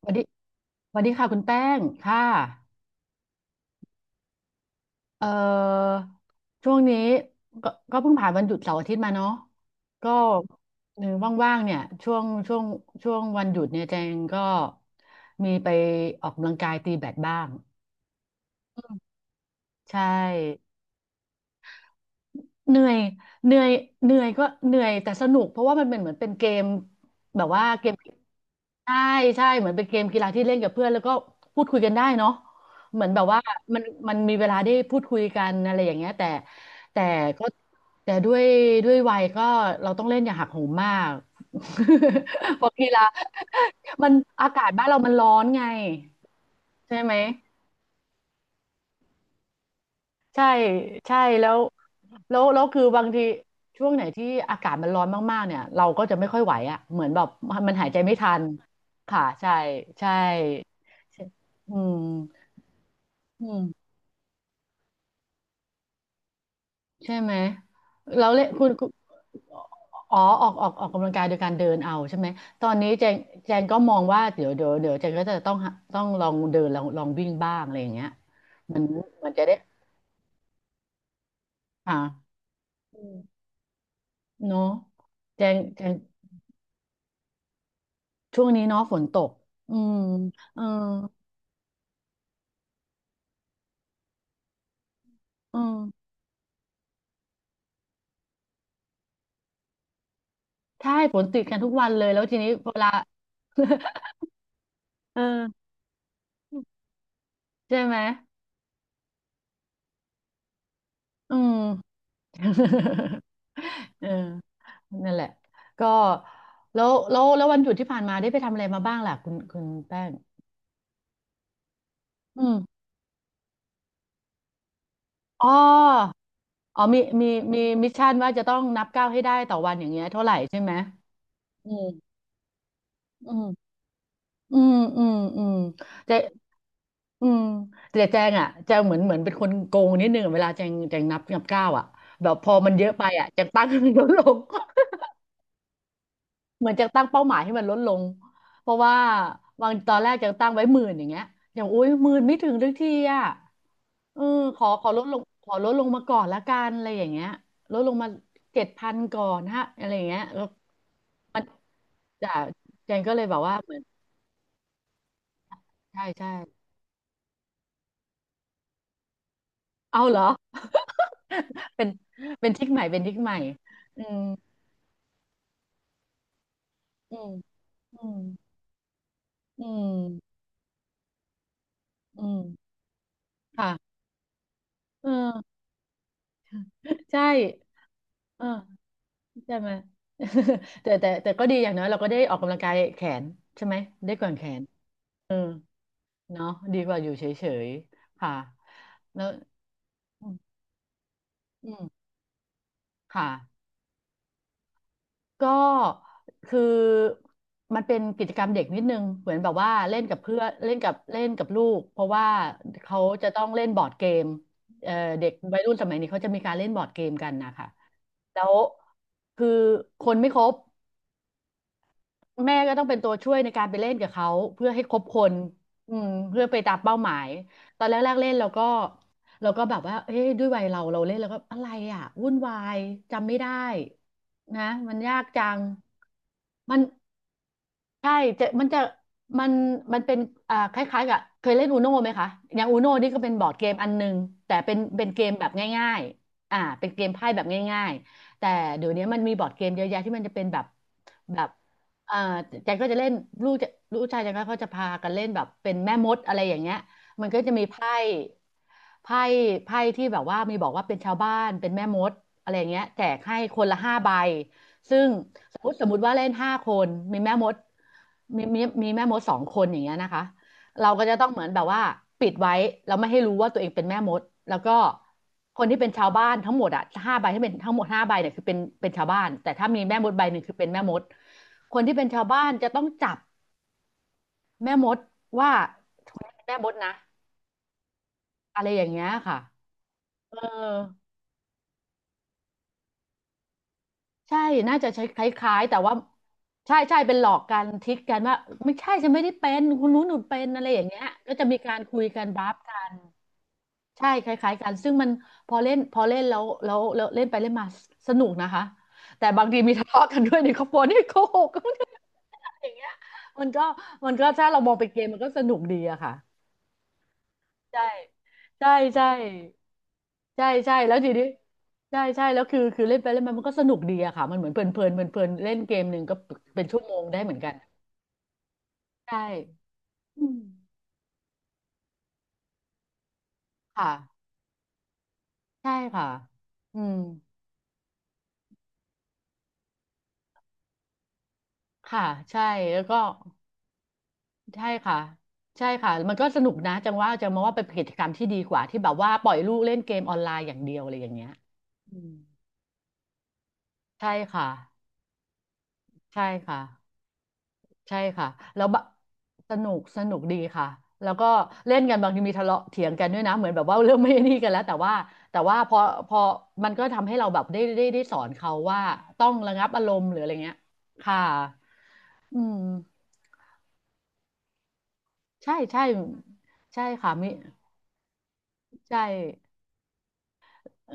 สวัสดีสวัสดีค่ะคุณแป้งค่ะเอ่อช่วงนี้ก็เพิ่งผ่านวันหยุดเสาร์อาทิตย์มาเนาะก็เออว่างๆเนี่ยช่วงวันหยุดเนี่ยแจงก็มีไปออกกำลังกายตีแบดบ้างใช่ เหนื่อยเหนื่อยเหนื่อยก็เหนื่อยแต่สนุกเพราะว่ามันเป็นเหมือนเป็นเกมแบบว่าเกมใช่ใช่เหมือนเป็นเกมกีฬาที่เล่นกับเพื่อนแล้วก็พูดคุยกันได้เนาะเหมือนแบบว่ามันมันมีเวลาได้พูดคุยกันอะไรอย่างเงี้ยแต่ก็แต่ด้วยวัยก็เราต้องเล่นอย่าหักโหมมาก เพราะกีฬามันอากาศบ้านเรามันร้อนไงใช่ไหม ใช่ใช่แล้วคือบางทีช่วงไหนที่อากาศมันร้อนมากๆเนี่ยเราก็จะไม่ค่อยไหวอ่ะเหมือนแบบมันหายใจไม่ทันค่ะใช่ใช่ใช่อืมอืมใช่ไหมเราเล่นคุณคุณอ๋อออกกำลังกายโดยการเดินเอาใช่ไหมตอนนี้แจงก็มองว่าเดี๋ยวแจงก็จะต้องลองเดินลองวิ่งบ้างอะไรอย่างเงี้ยมันมันจะได้อ่าอืมเนาะแจง ช่วงนี้เนาะฝนตกอืมเออเออใช่ฝนติดกันทุกวันเลยแล้วทีนี้เวลา เออใช่ไหม อืม เออนั่นแหละก็แล้ววันหยุดที่ผ่านมาได้ไปทำอะไรมาบ้างล่ะ คุณแป้งอืมอ๋ออ๋อ มีมิชชั่นว่าจะต้องนับก้าวให้ได้ต่อวันอย่างเงี้ยเท่าไหร่ใช่ไหมอืมอืม อืมอืมอืมเจ๊อืมแต่แจงอ่ะแจงเหมือนเป็นคนโกงนิดนึงอะเวลาแจงนับก้าวอ่ะแบบพอมันเยอะไปอ่ะแจงตั้งให้มันลดลง เหมือนแจงตั้งเป้าหมายให้มันลดลงเพราะว่าบางตอนแรกแจงตั้งไว้หมื่นอย่างเงี้ยอย่างอุ้ยหมื่นไม่ถึงทุกทีอ่ะเออขอลดลงขอลดลงมาก่อนละกันอะไรอย่างเงี้ยลดลงมา7,000ก่อนฮะอะไรอย่างเงี้ยแล้วจาแจงก็เลยแบบว่าเหมือนใช่ใช่เอาเหรอ เป็นเป็นทริคใหม่เป็นทริคใหม่อืมอืมอืมอืมอืมค่ะเออใช่เออใช่ไหม แต่ก็ดีอย่างน้อยเราก็ได้ออกกำลังกายแขนใช่ไหมได้แกว่งแขนเออเนาะดีกว่าอยู่เฉยๆค่ะแล้วอืมอืมค่ะ ก็คือมันเป็นกิจกรรมเด็กนิดนึงเหมือนแบบว่าเล่นกับเพื่อนเล่นกับลูกเพราะว่าเขาจะต้องเล่นบอร์ดเกมเอ่อเด็กวัยรุ่นสมัยนี้เขาจะมีการเล่นบอร์ดเกมกันนะคะแล้วคือคนไม่ครบแม่ก็ต้องเป็นตัวช่วยในการไปเล่นกับเขาเพื่อให้ครบคนอืมเพื่อไปตามเป้าหมายตอนแรกๆเล่นเราก็แบบว่าเอ้ยด้วยวัยเราเล่นแล้วก็อะไรอ่ะวุ่นวายจำไม่ได้นะมันยากจังมัน ใช่จะมันจะมันมันเป็นคล้ายๆกับเคยเล่นอูโน่ไหมคะอย่างอูโน่นี่ก็เป็นบอร์ดเกมอันหนึงแต่เป็นเป็นเกมแบบง่ายๆเป็นเกมไพ่แบบง่ายๆแต่เดี๋ยวนี้มันมีบอร์ดเกมเยอะแยะที่มันจะเป็นแบบแบบเอ่อแจงก็จะเล่นลูกจะลูกชายแจงก็เขาจะพากันเล่นแบบเป็นแม่มดอะไรอย่างเงี้ยมันก็จะมีไพ่ไพ่ไพ่ที่แบบว่ามีบอกว่าเป็นชาวบ้านเป็นแม่มดอะไรอย่างเงี้ยแจกให้คนละห้าใบ ซึ่งสมมติว่าเล่น5 คนมีแม่มดมีแม่มด2 คนอย่างเงี้ยนะคะเราก็จะต้องเหมือนแบบว่าปิดไว้แล้วไม่ให้รู้ว่าตัวเองเป็นแม่มดแล้วก็คนที่เป็นชาวบ้านทั้งหมดอ่ะห้าใบที่เป็นทั้งหมดห้าใบเนี่ยคือเป็นเป็นชาวบ้านแต่ถ้ามีแม่มด1 ใบคือเป็นแม่มดคนที่เป็นชาวบ้านจะต้องจับแม่มดว่าคนนี้เป็นแม่มดนะอะไรอย่างเงี้ยค่ะเออ ใช่น่าจะใช้คล้ายๆแต่ว่าใช่ใช่เป็นหลอกกันทิกกันว่าไม่ใช่ฉันไม่ได้เป็นคุณนู้นหนูเป็นอะไรอย่างเงี้ยก็จะมีการคุยกันบลัฟกันใช่คล้ายๆกันซึ่งมันพอเล่นแล้วเล่นไปเล่นมาสนุกนะคะแต่บางทีมีทะเลาะกันด้วยในครอบครัวนี่โกหกกันอย่างเงี้ยมันก็มันก็ถ้าเรามองเป็นเกมมันก็สนุกดีอะค่ะใช่ใช่ใช่ ใช่ใช่แล้วทีนี้ใช่ใช่แล้วคือเล่นไปเล่นมามันก็สนุกดีอะค่ะมันเหมือนเพลินเล่นเกมหนึ่งก็เป็นชั่วโมงได้เหมือนกันใช่อืมค่ะใช่ค่ะอืมค่ะใช่แล้วก็ใช่ค่ะใช่ค่ะมันก็สนุกนะจังว่าจังมองว่าเป็นกิจกรรมที่ดีกว่าที่แบบว่าปล่อยลูกเล่นเกมออนไลน์อย่างเดียวอะไรอย่างเงี้ยอืมใช่ค่ะใช่ค่ะ ใช่ค่ะแล้วบะสนุกสนุกดีค่ะแล้วก็เล่นกันบางทีมีทะเลาะเถียงกันด้วยนะเหมือนแบบว่า เรื่องไม่นี่กันแล้วแต่ว่าแต่ว่าพอมันก็ทำให้เราแบบได้สอนเขาว่าต้องระงับอารมณ์หรืออะไรเงี้ยค่ะอืมใช่ใช่ใช่ค่ะมิใช่เออ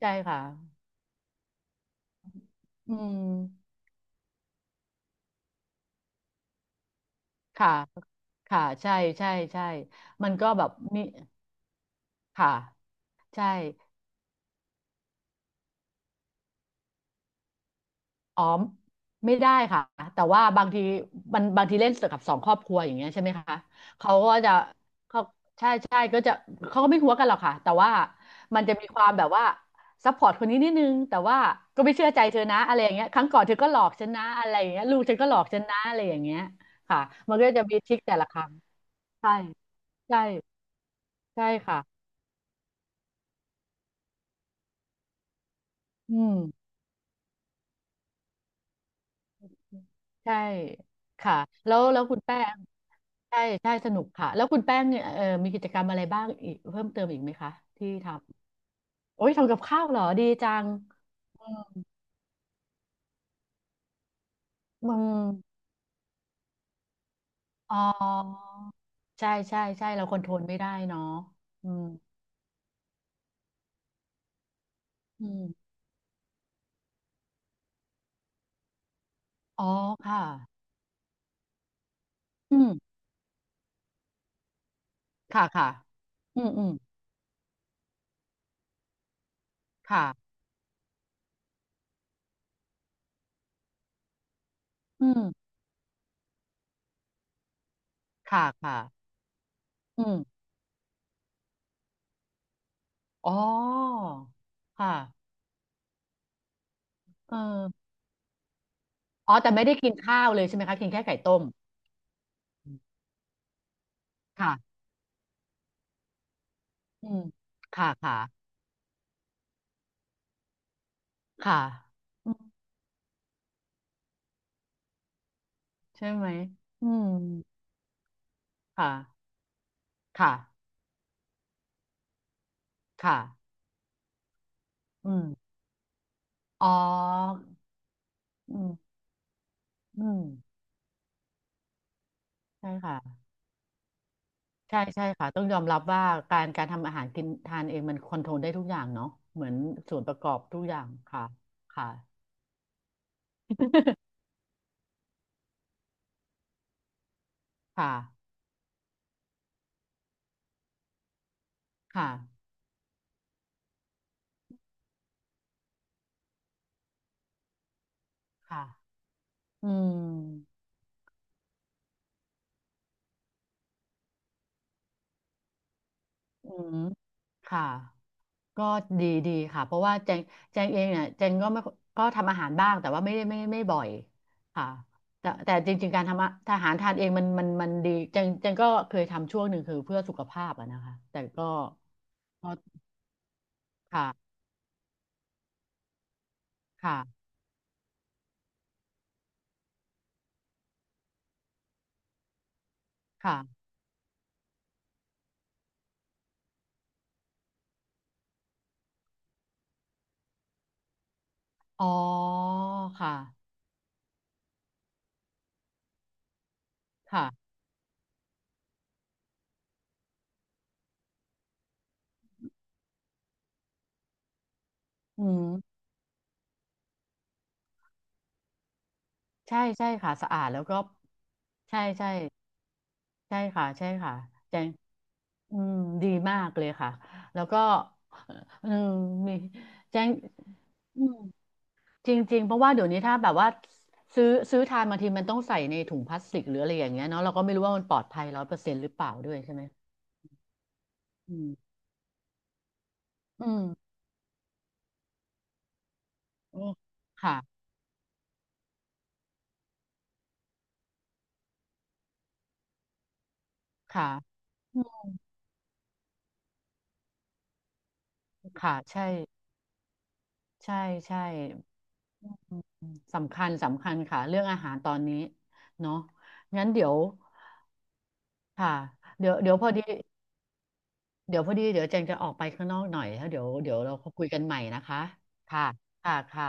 ใช่ค่ะอืมค่ะค่ะใช่ใช่ใช่มันก็แบบมีค่ะใช่ อ๋อไม่ได้ค่ะแต่ว่าบางทีมันบางทีเล่นกับสองครอบครัวอย่างเงี้ยใช่ไหมคะเขาก็จะเขาใช่ใช่ก็จะเขาก็ไม่หัวกันหรอกค่ะแต่ว่ามันจะมีความแบบว่าซัพพอร์ตคนนี้นิดนึงแต่ว่าก็ไม่เชื่อใจเธอนะอะไรอย่างเงี้ยครั้งก่อนเธอก็หลอกฉันนะอะไรอย่างเงี้ยลูกฉันก็หลอกฉันนะอะไรอย่างเงี้ยค่ะมันก็จะมีทริคแต่ละครั้งใช่ใช่ใช่ค่ะอืม ใช่ค่ะแล้วคุณแป้งใช่ใช่สนุกค่ะแล้วคุณแป้งเนี่ยมีกิจกรรมอะไรบ้างอีกเพิ่มเติมอีกไหมคะที่ทำโอ้ยทำกับข้าวเหรอดีจังอืมอืมอ๋อใช่ใช่ใช่เราคอนโทรลไม่ได้เนาะอืมอืมอ๋อค่ะอืมค่ะค่ะอืมอืมค่ะอืมค่ะค่ะอืมอ๋อค่ะเอออ๋อแต่ไม่ได้กินข้าวเลยใช่ไหมคะกินแค่ไก่ต้มค่ะ อืมค่ะค่ะค่ะอืมใช่ไหมอืมค่ะค่ะค่ะอืมอ๋ออืมอืมใช่ค่ะใช่ใช่ค่ะต้องยอมรับว่าการทำอาหารกินทานเองมันคอนโทรลได้ทุกอย่างเนาะเหมือนส่วนประกอบทุกอย่างค่ะค่ะ ค่ะค่ะค่ะอืมอืมค่ะ ก็ดีดีค่ะเพราะว่าแจงแจงเองเนี่ยแจงก็ไม่ก็ทำอาหารบ้างแต่ว่าไม่ได้ไม่ไม่บ่อยค่ะแต่แต่จริงๆการทำอาหารทานเองมันดีแจงแจงก็เคยทำช่วงหนึ่งคือเพื่อสุขภาพอะนะคะแต่ก็ก็ค่ะค่ะค่ะอ๋อค่ะค่ะอืมใช่ใช่ค่ะสะอาดแล้วก็ใช่ใช่ใช่ค่ะใช่ค่ะแจงอืมดีมากเลยค่ะแล้วก็เออมีแจงอืม จริงๆเพราะว่าเดี๋ยวนี้ถ้าแบบว่าซื้อทานบางทีมันต้องใส่ในถุงพลาสติกหรืออะไรอย่างเงี้ยเนาะเราก็ไม่รู้ว่ามันปลอดภัย100%หรือเปล่าด้วยใช่ไหมอืมอืมโอ้ค่ะค่ะอืมค่ะใช่ใช่ ใช่ สำคัญสำคัญค่ะเรื่องอาหารตอนนี้เนาะงั้นเดี๋ยวค่ะเดี๋ยวพอดีเดี๋ยวพอดีเดี๋ยวแจงจะออกไปข้างนอกหน่อยแล้วเดี๋ยวเราคุยกันใหม่นะคะค่ะค่ะค่ะ